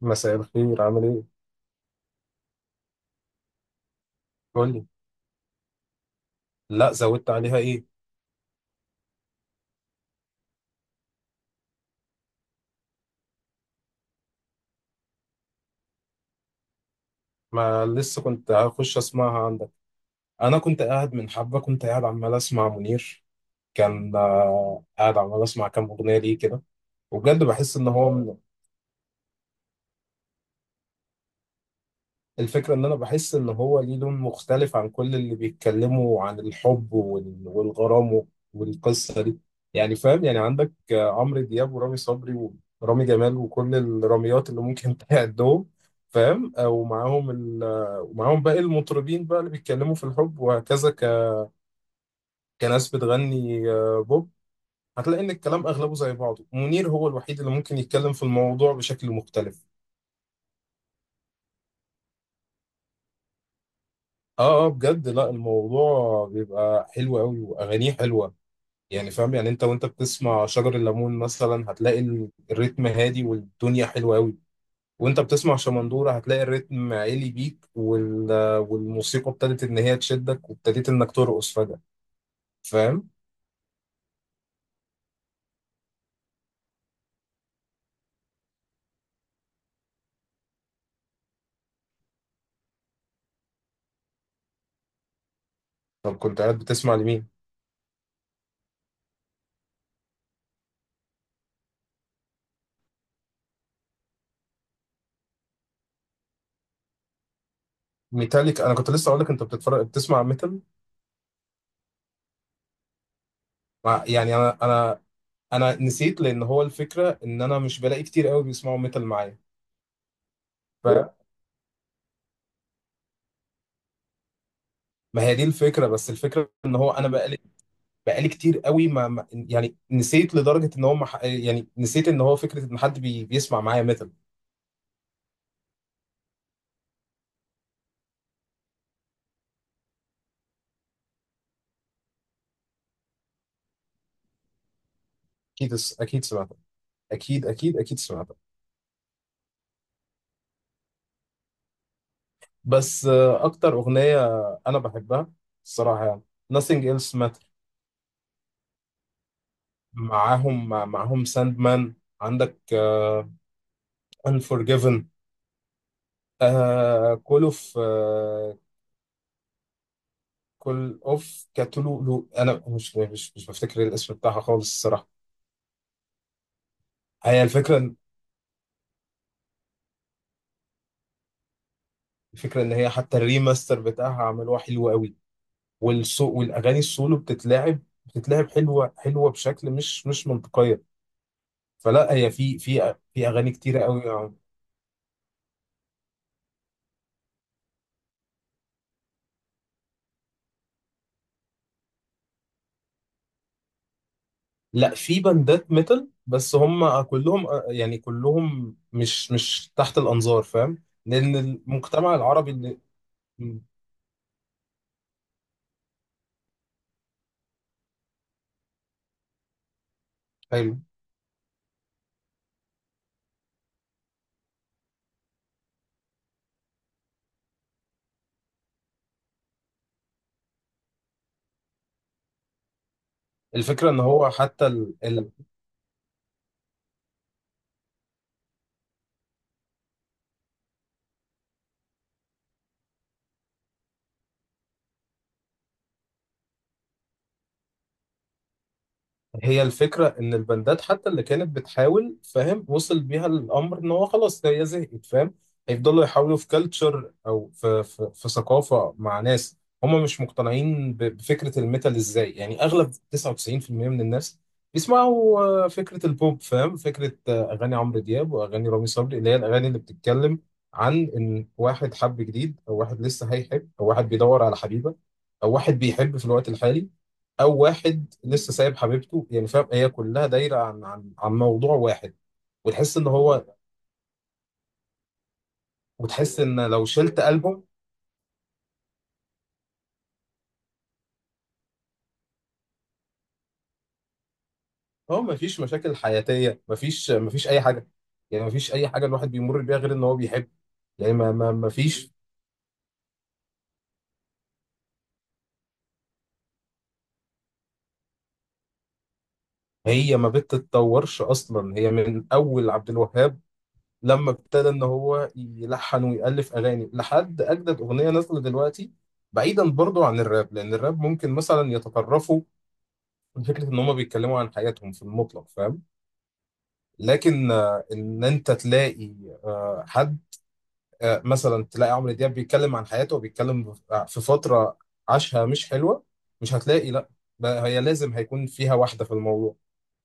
مساء الخير، عامل ايه؟ قول لي. لا، زودت عليها ايه؟ ما لسه كنت هخش اسمعها عندك. انا كنت قاعد من حبه كنت قاعد عمال اسمع منير. كان قاعد عمال اسمع كام اغنيه ليه كده. وبجد بحس ان هو... الفكرة إن أنا بحس إن هو ليه لون مختلف عن كل اللي بيتكلموا عن الحب والغرام والقصة دي. يعني فاهم، يعني عندك عمرو دياب، ورامي صبري، ورامي جمال، وكل الراميات اللي ممكن تعدهم. فاهم؟ ومعاهم ال... آه، ومعاهم باقي المطربين بقى اللي بيتكلموا في الحب وهكذا كناس بتغني بوب. هتلاقي إن الكلام أغلبه زي بعضه. منير هو الوحيد اللي ممكن يتكلم في الموضوع بشكل مختلف. اه، اه، بجد. لا، الموضوع بيبقى حلو قوي، واغانيه حلوه. يعني فاهم؟ يعني انت وانت بتسمع شجر الليمون مثلا هتلاقي الريتم هادي والدنيا حلوة قوي. وانت بتسمع شمندورة هتلاقي الريتم عالي بيك والموسيقى ابتدت ان هي تشدك، وابتديت انك ترقص فجأة. فاهم؟ طب كنت قاعد بتسمع لمين؟ ميتاليك، انا كنت لسه اقول لك انت بتتفرج، بتسمع ميتال. يعني انا نسيت، لان هو الفكرة ان انا مش بلاقي كتير قوي بيسمعوا ميتال معايا. ف- ما هي دي الفكرة. بس الفكرة ان هو انا بقى بقالي كتير قوي يعني نسيت لدرجة ان هو يعني نسيت ان هو فكرة ان حد بيسمع معايا ميتال. اكيد، اكيد سمعتها. اكيد، اكيد، اكيد سمعتها. بس اكتر اغنية انا بحبها الصراحة يعني Nothing Else Matter. معاهم معاهم Sandman. عندك Unforgiven. آه... Call of آه... Call of Cthulhu. انا مش بفتكر الاسم بتاعها خالص الصراحة. هي الفكرة الفكرة ان هي حتى الريماستر بتاعها عملوها حلو قوي. والاغاني السولو بتتلعب حلوه حلوه بشكل مش منطقيه. فلا هي في اغاني كتيره قوي يعني. لا، في باندات ميتال، بس هم كلهم يعني كلهم مش تحت الانظار، فاهم؟ لان المجتمع العربي اللي م، حلو. الفكره ان هو حتى هي الفكرة إن البندات حتى اللي كانت بتحاول، فاهم؟ وصل بيها الأمر إن هو خلاص هي زهقت، فاهم؟ هيفضلوا يحاولوا في كلتشر، أو في ثقافة مع ناس هم مش مقتنعين بفكرة الميتال. إزاي يعني؟ أغلب 99% من الناس بيسمعوا فكرة البوب، فاهم؟ فكرة أغاني عمرو دياب وأغاني رامي صبري، اللي هي الأغاني اللي بتتكلم عن إن واحد حب جديد، أو واحد لسه هيحب، أو واحد بيدور على حبيبة، أو واحد بيحب في الوقت الحالي، او واحد لسه سايب حبيبته. يعني فاهم؟ هي كلها دايره عن عن عن موضوع واحد. وتحس ان هو... وتحس ان لو شلت البوم هو، مفيش مشاكل حياتيه، مفيش، مفيش اي حاجه. يعني مفيش اي حاجه الواحد بيمر بيها غير ان هو بيحب. يعني ما ما مفيش. هي ما بتتطورش اصلا، هي من اول عبد الوهاب لما ابتدى ان هو يلحن ويالف اغاني لحد اجدد اغنيه نازله دلوقتي. بعيدا برضو عن الراب، لان الراب ممكن مثلا يتطرفوا فكرة إن هما بيتكلموا عن حياتهم في المطلق، فاهم؟ لكن إن أنت تلاقي حد مثلا تلاقي عمرو دياب بيتكلم عن حياته وبيتكلم في فترة عاشها مش حلوة، مش هتلاقي. لا، بقى هي لازم هيكون فيها واحدة في الموضوع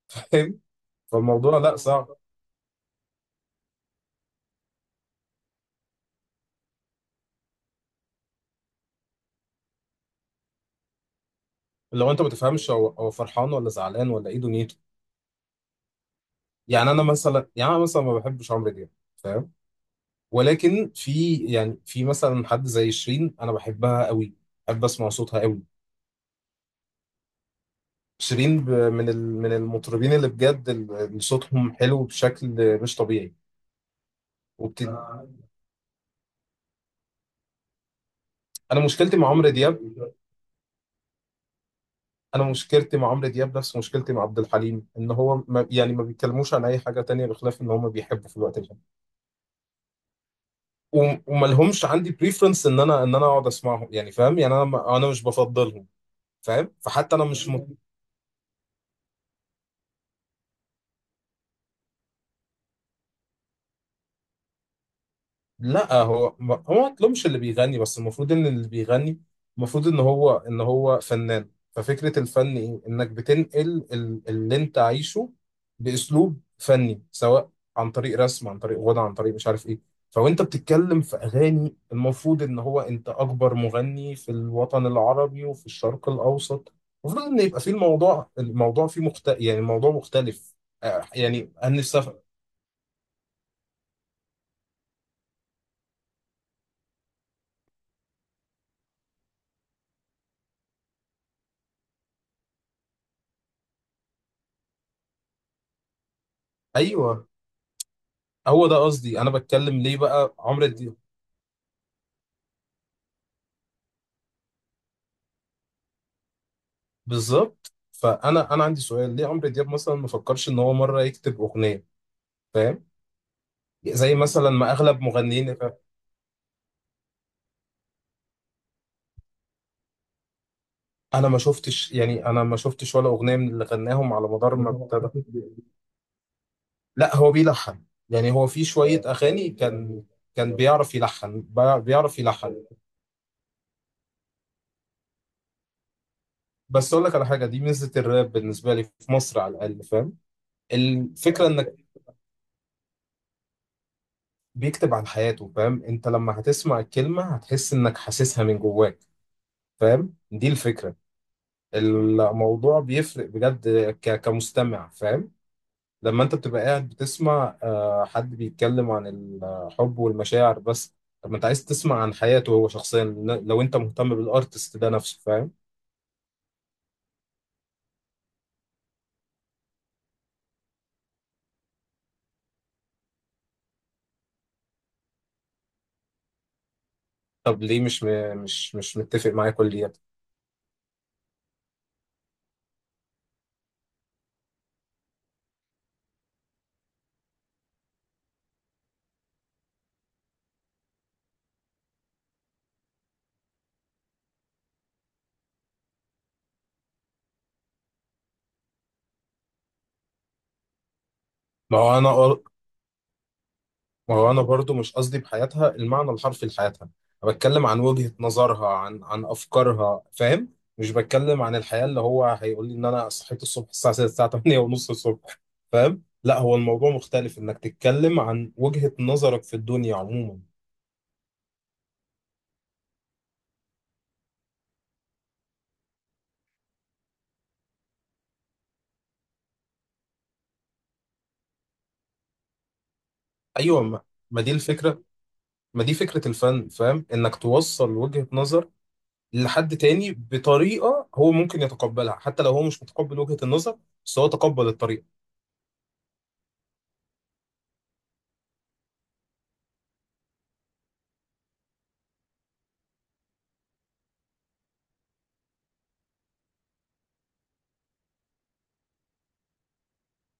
فاهم؟ فالموضوع لا صعب. لو أنت ما تفهمش هو هو فرحان ولا زعلان ولا إيه دنيته. يعني أنا مثلا، يعني أنا مثلا ما بحبش عمرو دياب، فاهم؟ ولكن في، يعني في مثلا حد زي شيرين أنا بحبها قوي، بحب أسمع صوتها قوي. شيرين من من المطربين اللي بجد اللي صوتهم حلو بشكل مش طبيعي. وبت... انا مشكلتي مع عمرو دياب انا مشكلتي مع عمرو دياب نفس مشكلتي مع عبد الحليم، ان هو ما يعني ما بيتكلموش عن اي حاجه تانية بخلاف ان هم بيحبوا في الوقت الحالي. وما لهمش عندي بريفرنس ان انا ان انا اقعد اسمعهم، يعني فاهم؟ يعني انا مش بفضلهم، فاهم؟ فحتى انا مش لا هو هو ما مطلوبش اللي بيغني، بس المفروض ان اللي بيغني، المفروض ان هو فنان. ففكرة الفن ايه؟ انك بتنقل اللي انت عايشه باسلوب فني، سواء عن طريق رسم، عن طريق غنى، عن طريق مش عارف ايه. فوانت بتتكلم في اغاني، المفروض ان هو انت اكبر مغني في الوطن العربي وفي الشرق الاوسط، المفروض ان يبقى فيه الموضوع، الموضوع فيه يعني الموضوع مختلف. يعني انا نفسي ايوه، هو ده قصدي. انا بتكلم ليه بقى عمرو دياب؟ بالظبط. فانا عندي سؤال، ليه عمرو دياب مثلا ما فكرش ان هو مره يكتب اغنيه؟ فاهم؟ زي مثلا ما اغلب مغنيين. انا ما شفتش ولا اغنيه من اللي غناهم على مدار ما ابتدى. لا هو بيلحن، يعني هو في شويه اغاني كان بيعرف يلحن، بيعرف يلحن. بس اقول لك على حاجه، دي ميزه الراب بالنسبه لي في مصر على الاقل، فاهم؟ الفكره انك بيكتب عن حياته، فاهم؟ انت لما هتسمع الكلمة هتحس انك حاسسها من جواك. فاهم؟ دي الفكرة. الموضوع بيفرق بجد كمستمع، فاهم؟ لما انت بتبقى قاعد بتسمع حد بيتكلم عن الحب والمشاعر بس. طب ما انت عايز تسمع عن حياته هو شخصيا، لو انت مهتم بالارتست ده نفسه، فاهم؟ طب ليه مش م- مش مش متفق معايا كليا؟ ما هو انا ما هو انا برضو مش قصدي بحياتها المعنى الحرفي لحياتها، انا بتكلم عن وجهة نظرها، عن افكارها، فاهم؟ مش بتكلم عن الحياة اللي هو هيقول لي ان انا صحيت الصبح الساعة 6، الساعة 8 ونص الصبح. فاهم؟ لا هو الموضوع مختلف، انك تتكلم عن وجهة نظرك في الدنيا عموما. ايوه، ما دي الفكرة، ما دي فكرة الفن. فاهم؟ انك توصل وجهة نظر لحد تاني بطريقة هو ممكن يتقبلها، حتى لو هو مش متقبل وجهة النظر، بس هو تقبل الطريقة.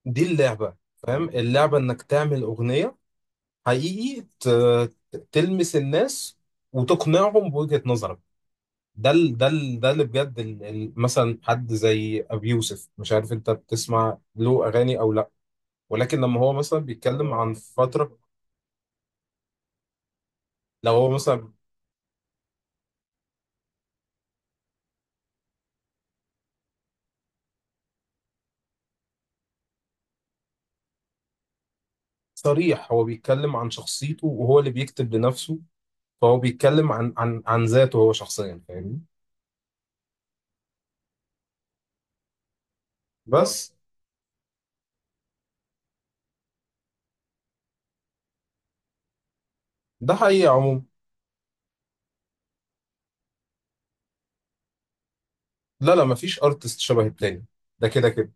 دي اللعبة، فاهم؟ اللعبة انك تعمل اغنية حقيقي تلمس الناس وتقنعهم بوجهة نظرك. ده اللي بجد ال ال مثلا حد زي ابي يوسف، مش عارف انت بتسمع له اغاني او لا، ولكن لما هو مثلا بيتكلم عن فترة لو هو مثلا، صريح. هو بيتكلم عن شخصيته وهو اللي بيكتب لنفسه، فهو بيتكلم عن ذاته هو شخصيا، فاهمني؟ بس ده حقيقي عموما. لا لا، مفيش ارتست شبه التاني، ده كده كده.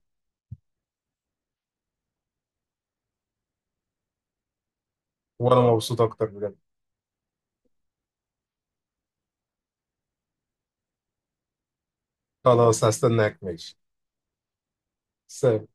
وانا مبسوط اكتر بجد. خلاص، هستناك، ماشي. سلام.